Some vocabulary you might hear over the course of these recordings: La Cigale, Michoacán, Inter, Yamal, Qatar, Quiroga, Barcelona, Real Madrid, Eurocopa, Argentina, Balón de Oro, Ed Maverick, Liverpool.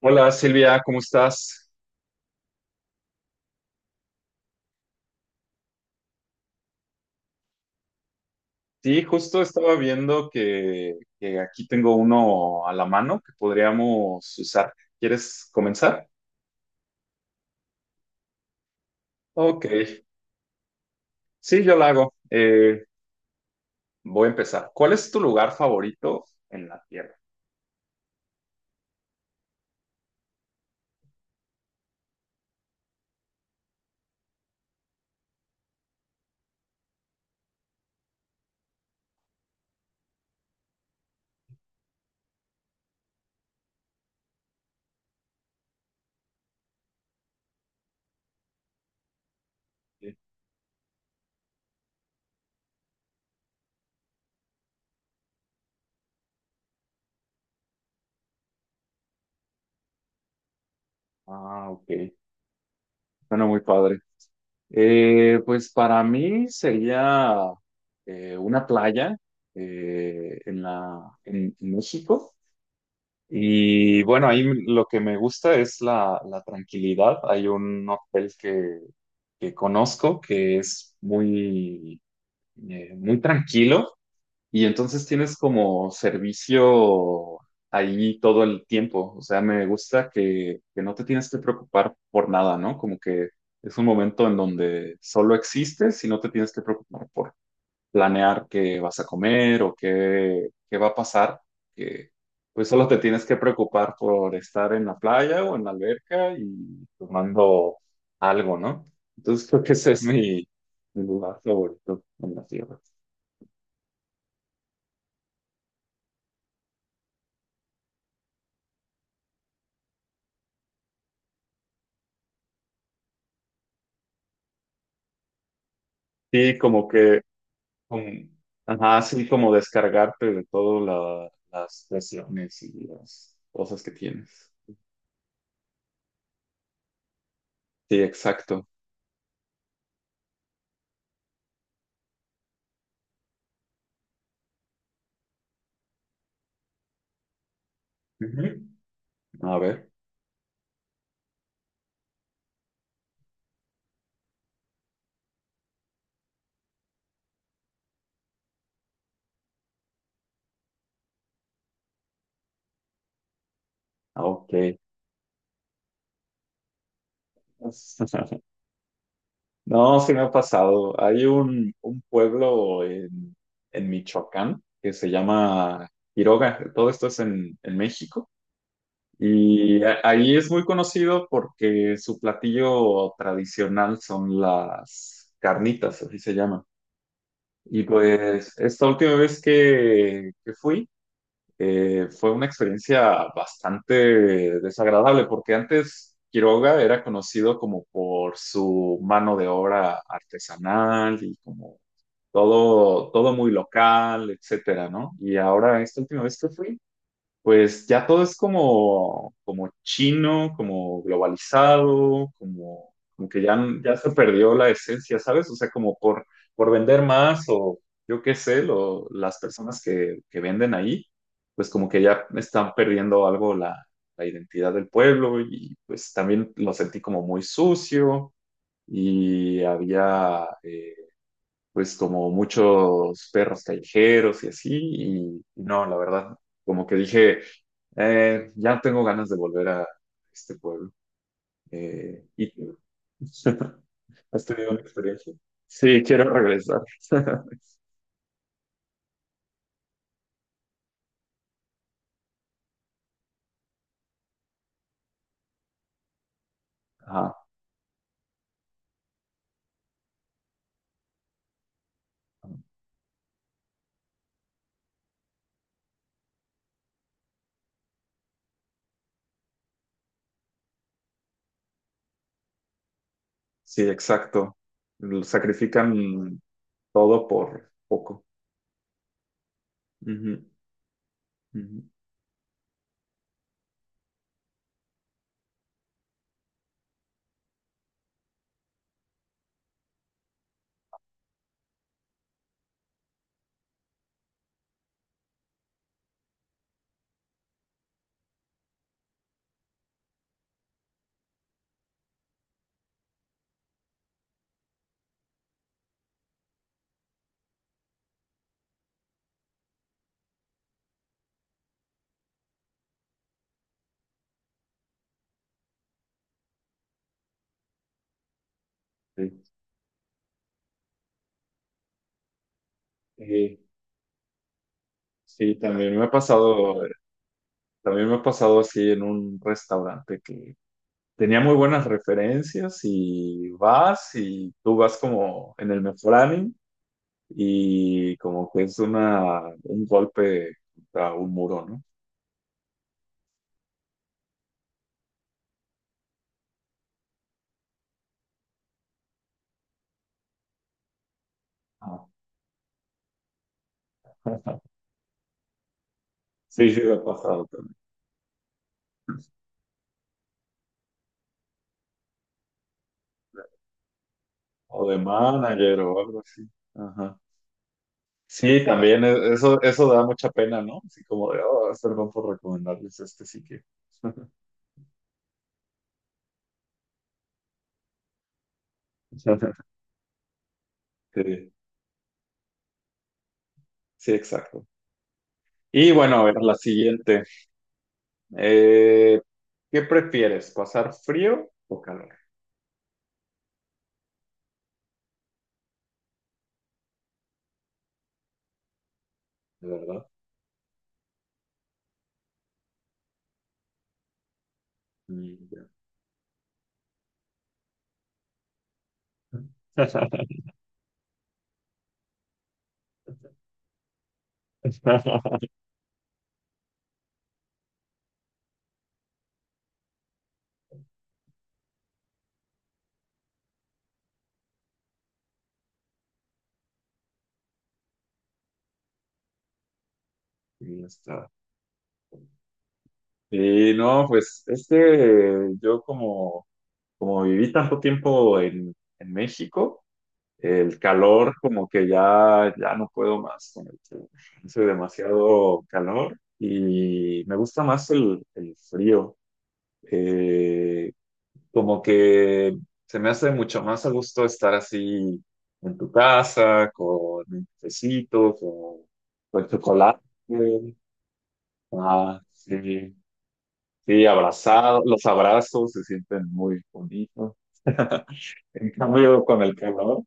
Hola Silvia, ¿cómo estás? Sí, justo estaba viendo que aquí tengo uno a la mano que podríamos usar. ¿Quieres comenzar? Ok, sí, yo la hago. Voy a empezar. ¿Cuál es tu lugar favorito en la Tierra? Sí. Ah, ok. Suena muy padre. Pues para mí sería una playa en en México. Y bueno, ahí lo que me gusta es la tranquilidad. Hay un hotel que conozco que es muy tranquilo y entonces tienes como servicio ahí todo el tiempo. O sea, me gusta que no te tienes que preocupar por nada, ¿no? Como que es un momento en donde solo existes y no te tienes que preocupar por planear qué vas a comer o qué va a pasar, que pues solo te tienes que preocupar por estar en la playa o en la alberca y tomando algo, ¿no? Entonces creo que ese es mi lugar favorito en la tierra. Sí, como como- ajá, así como descargarte de todas las presiones y las cosas que tienes. Sí, exacto. Ujú. A ver, ah, ok. No, sí me ha pasado. Hay un pueblo en Michoacán que se llama Quiroga. Todo esto es en México. Y ahí es muy conocido porque su platillo tradicional son las carnitas, así se llama. Y pues esta última vez que fui, fue una experiencia bastante desagradable porque antes Quiroga era conocido como por su mano de obra artesanal y como todo muy local, etcétera, ¿no? Y ahora, esta última vez que fui, pues ya todo es como, como chino, como globalizado, como que ya se perdió la esencia, ¿sabes? O sea, por vender más o yo qué sé, las personas que venden ahí, pues como que ya están perdiendo algo la identidad del pueblo y pues también lo sentí como muy sucio y había... pues como muchos perros callejeros y así, y no, la verdad, como que dije, ya no tengo ganas de volver a este pueblo. Y tú, ¿has tenido una experiencia? Sí, quiero regresar. Ajá, sí, exacto. Lo sacrifican todo por poco. Ujú, ujú, sí. Eh, sí, también me ha pasado, también me ha pasado así en un restaurante que tenía muy buenas referencias y vas y tú vas como en el mejor ánimo y como que es un golpe contra un muro, ¿no? Ah. Sí, sí, me ha pasado también. O de manager o algo así. Ajá. Sí, también eso, eso da mucha pena, ¿no? Así como de, oh, perdón por recomendarles este sitio. Sí, sí, exacto. Y bueno, a ver, la siguiente. Eh, ¿Qué prefieres? ¿Pasar frío o calor? ¿De verdad? Mm, ya. Y ya está. Y no, pues es que yo como viví tanto tiempo en México, el calor como que ya, ya no puedo más con el calor. Hace demasiado calor y me gusta más el frío. Eh, como que se me hace mucho más a gusto estar así en tu casa, con un cafecito, con chocolate. Ah, sí, sí, abrazado, los abrazos se sienten muy bonitos. En cambio, con el calor,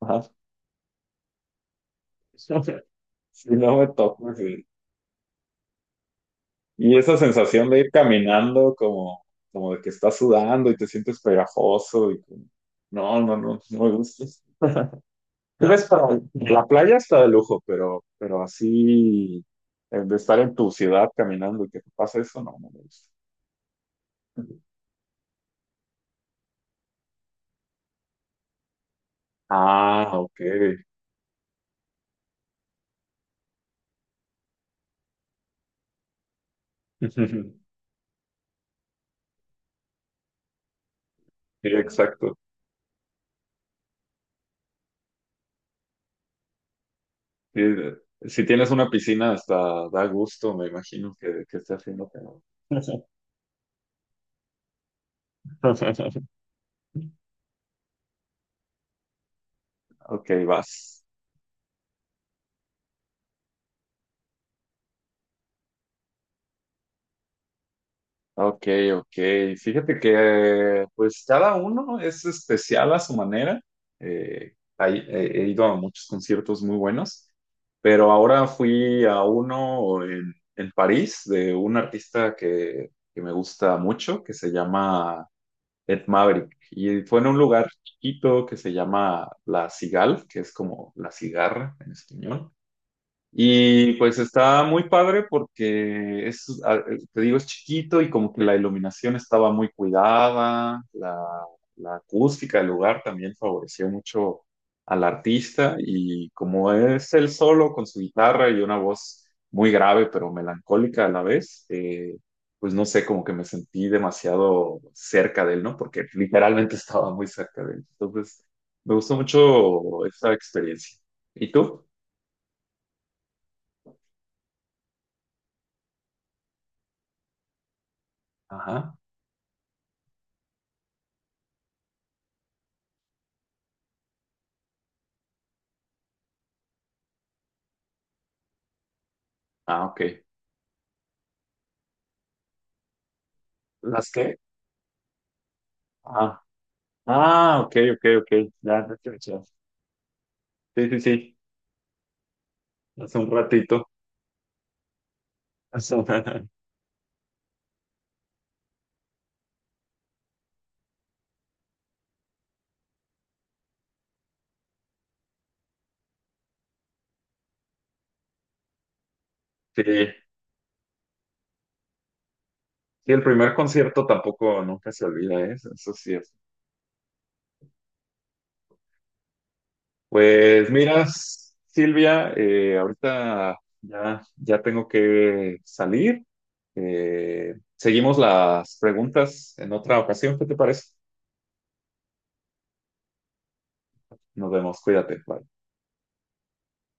ajá, sí, no me toco. Sí. Y esa sensación de ir caminando como, como de que estás sudando y te sientes pegajoso y como, no, no me gusta. Creo para la playa está de lujo, pero así de estar en tu ciudad caminando y que te pase eso, no, no me gusta. Ah, ok. Sí, exacto. Sí, si tienes una piscina, hasta da gusto, me imagino que esté haciendo calor. Ok, vas. Ok, ok. Fíjate que pues cada uno es especial a su manera. He ido a muchos conciertos muy buenos, pero ahora fui a uno en París de un artista que me gusta mucho, que se llama Ed Maverick. Y fue en un lugar chiquito que se llama La Cigale, que es como la cigarra en español. Y pues está muy padre porque te digo, es chiquito y como que la iluminación estaba muy cuidada, la acústica del lugar también favoreció mucho al artista y como es él solo con su guitarra y una voz muy grave pero melancólica a la vez, pues no sé, como que me sentí demasiado cerca de él, ¿no? Porque literalmente estaba muy cerca de él. Entonces, me gustó mucho esa experiencia. ¿Y tú? Ajá. Ah, ok. ¿Las qué? Ah, ah, ok, ok, ok. Ya, ya, ya, ya. Sí, sí, sí. Hace un ratito. Hace un- Sí. Sí, el primer concierto tampoco nunca se olvida, ¿eh? Eso eso sí es. Pues mira, Silvia, ahorita ya, ya tengo que salir. Seguimos las preguntas en otra ocasión, ¿qué te parece? Nos vemos, cuídate. Bye.